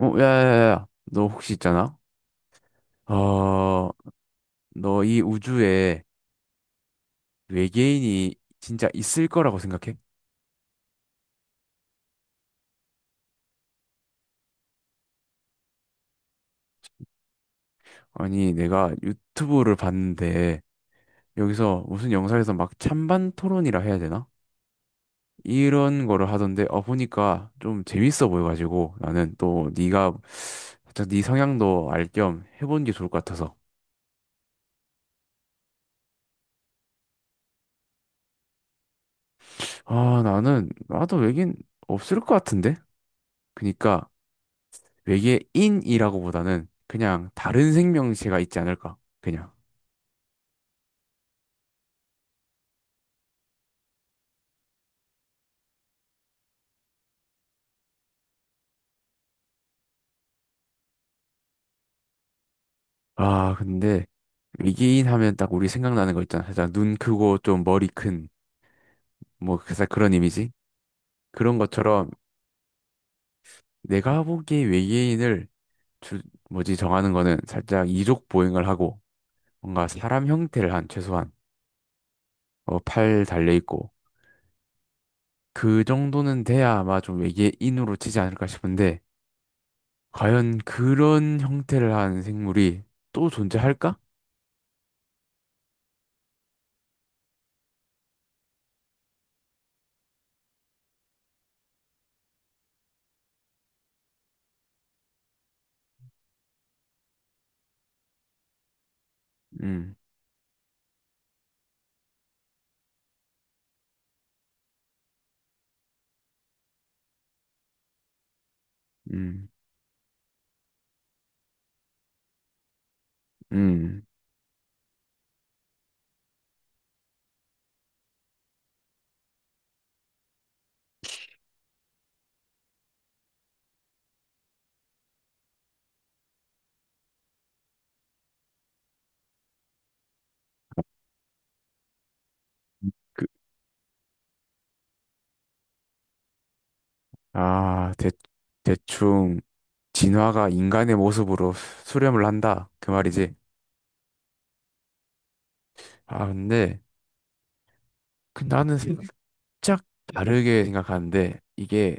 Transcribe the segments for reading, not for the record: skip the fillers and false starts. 너 혹시 있잖아? 어, 너 이 우주에 외계인이 진짜 있을 거라고 생각해? 아니, 내가 유튜브를 봤는데 여기서 무슨 영상에서 막 찬반 토론이라 해야 되나? 이런 거를 하던데 보니까 좀 재밌어 보여가지고 나는 또 네가 살짝 네 성향도 알 겸 해보는 게 좋을 것 같아서. 나는 나도 외계인 없을 것 같은데. 그니까 외계인이라고보다는 그냥 다른 생명체가 있지 않을까? 그냥. 아, 근데 외계인 하면 딱 우리 생각나는 거 있잖아. 살짝 눈 크고 좀 머리 큰, 뭐, 살짝 그런 이미지? 그런 것처럼 내가 보기에 외계인을 주, 정하는 거는 살짝 이족 보행을 하고 뭔가 사람 형태를 한 최소한 팔 달려있고 그 정도는 돼야 아마 좀 외계인으로 치지 않을까 싶은데 과연 그런 형태를 한 생물이 또 존재할까? 음. 음, 음, 그, 아, 대, 대충 진화가 인간의 모습으로 수렴을 한다. 그 말이지. 아, 근데 그 나는 살짝 다르게 생각하는데 이게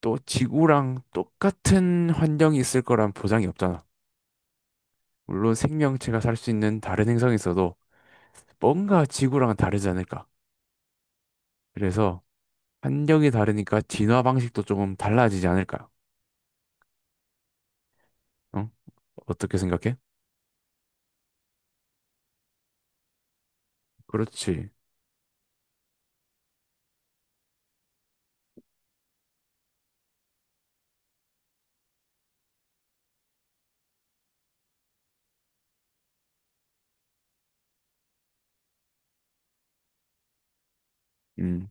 또 지구랑 똑같은 환경이 있을 거란 보장이 없잖아. 물론 생명체가 살 수 있는 다른 행성에 있어도 뭔가 지구랑은 다르지 않을까. 그래서 환경이 다르니까 진화 방식도 조금 달라지지 않을까. 어? 어떻게 생각해? 그렇지. 음,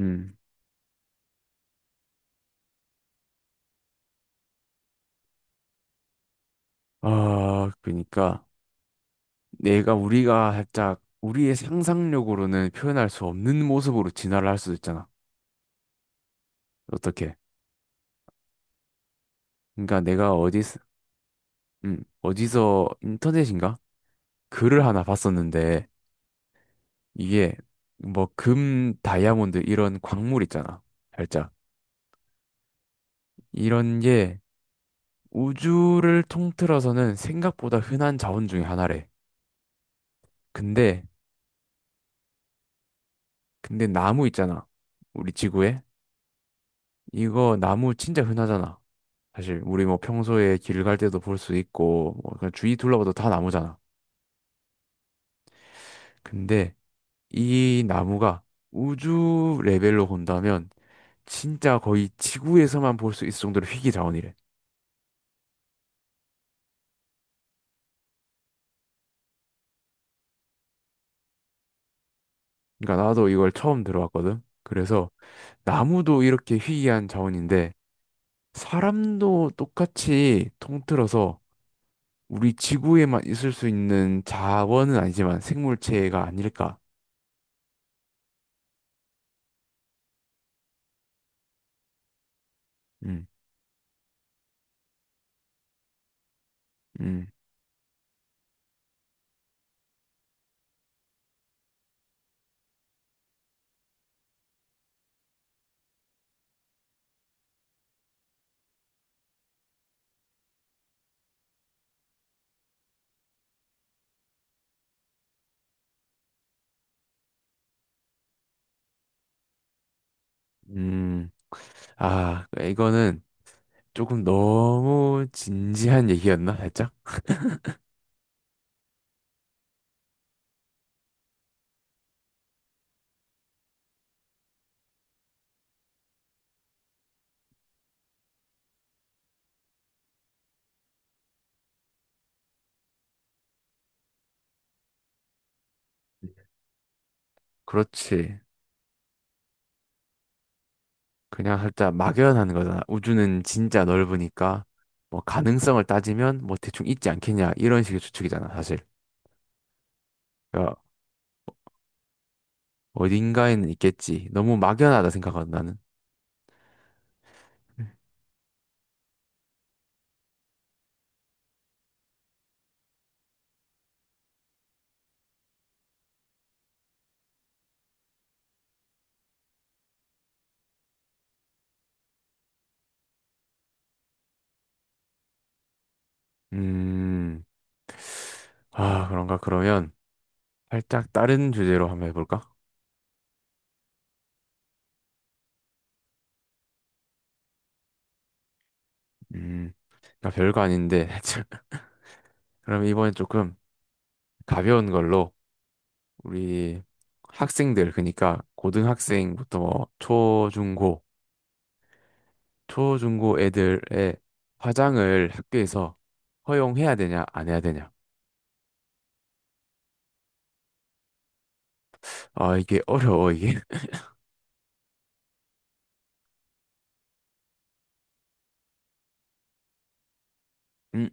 음. 아, 그러니까 내가 우리가 살짝 우리의 상상력으로는 표현할 수 없는 모습으로 진화를 할 수도 있잖아. 어떻게? 그러니까 내가 어디서 인터넷인가? 글을 하나 봤었는데 이게 다이아몬드 이런 광물 있잖아. 살짝 이런 게 우주를 통틀어서는 생각보다 흔한 자원 중에 하나래. 근데 나무 있잖아. 우리 지구에 이거 나무 진짜 흔하잖아. 사실 우리 뭐 평소에 길 갈 때도 볼 수 있고 뭐 그냥 주위 둘러봐도 다 나무잖아. 근데 이 나무가 우주 레벨로 본다면 진짜 거의 지구에서만 볼 수 있을 정도로 희귀 자원이래. 그러니까 나도 이걸 처음 들어봤거든. 그래서 나무도 이렇게 희귀한 자원인데 사람도 똑같이 통틀어서 우리 지구에만 있을 수 있는 자원은 아니지만 생물체가 아닐까. 음, 음, 음. 아, 이거는 조금 너무 진지한 얘기였나, 살짝? 그렇지. 그냥 살짝 막연한 거잖아. 우주는 진짜 넓으니까, 뭐, 가능성을 따지면, 뭐, 대충 있지 않겠냐, 이런 식의 추측이잖아, 사실. 그러니까 어딘가에는 있겠지. 너무 막연하다 생각하거든, 나는. 음, 아, 그런가? 그러면, 살짝 다른 주제로 한번 해볼까? 음, 그러니까 별거 아닌데, 그럼 이번엔 조금 가벼운 걸로, 우리 학생들 그러니까 고등학생부터 초중고 애들의 화장을 학교에서 허용해야 되냐 안 해야 되냐. 이게 어려워 이게. 음,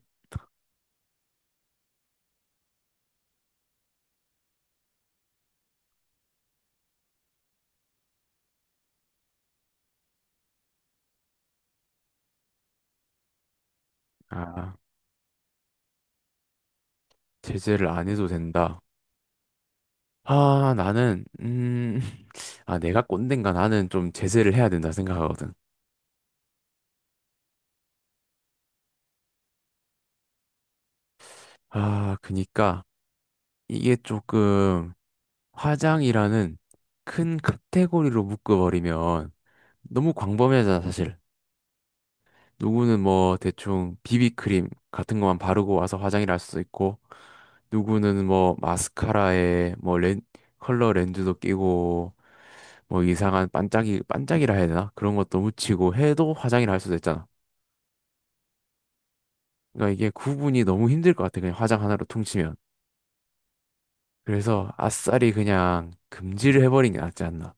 아 제재를 안 해도 된다. 나는 아, 내가 꼰대인가? 나는 좀 제재를 해야 된다 생각하거든. 그니까 이게 조금 화장이라는 큰 카테고리로 묶어버리면 너무 광범위하잖아 사실. 누구는 뭐 대충 비비크림 같은 것만 바르고 와서 화장을 할 수도 있고, 누구는 뭐 마스카라에, 컬러 렌즈도 끼고, 뭐 이상한 반짝이라 해야 되나? 그런 것도 묻히고 해도 화장을 할 수도 있잖아. 그러니까 이게 구분이 너무 힘들 것 같아. 그냥 화장 하나로 퉁치면. 그래서 아싸리 그냥 금지를 해버린 게 낫지 않나.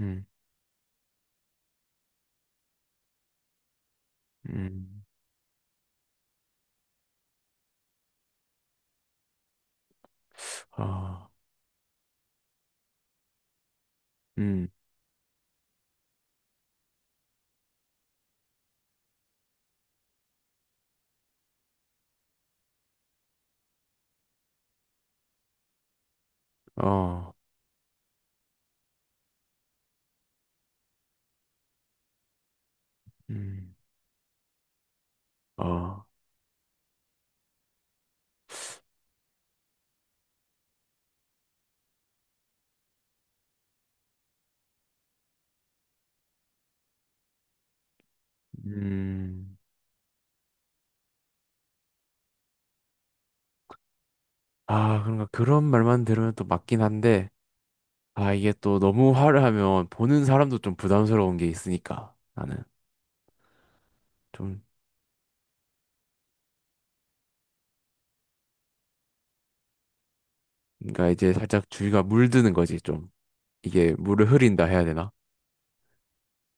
음, 음, 어, 음, 어, 음, 어, 음. 아, 그런가. 그런 말만 들으면 또 맞긴 한데, 아, 이게 또 너무 화를 하면 보는 사람도 좀 부담스러운 게 있으니까, 나는. 좀, 그러니까 이제 살짝 주위가 물드는 거지, 좀. 이게 물을 흐린다 해야 되나?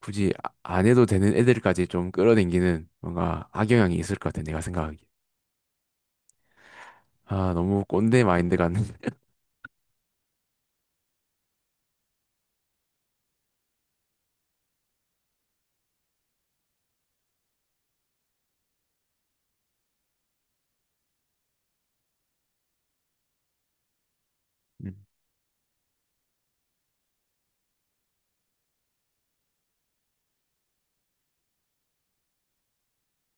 굳이 안 해도 되는 애들까지 좀 끌어당기는 뭔가 악영향이 있을 것 같아, 내가 생각하기에. 아, 너무 꼰대 마인드 같은. 음,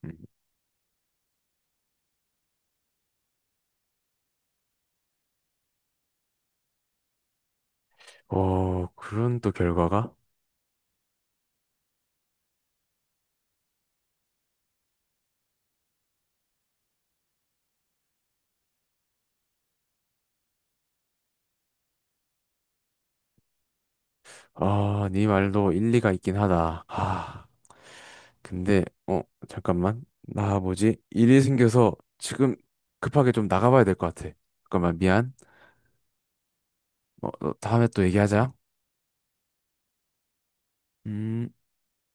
음. 어, 그런 또 결과가? 아, 네 말도 일리가 있긴 하다. 아, 근데, 어, 잠깐만. 나 뭐지? 일이 생겨서 지금 급하게 좀 나가봐야 될 것 같아. 잠깐만, 미안. 어, 어, 다음에 또 얘기하자. 음.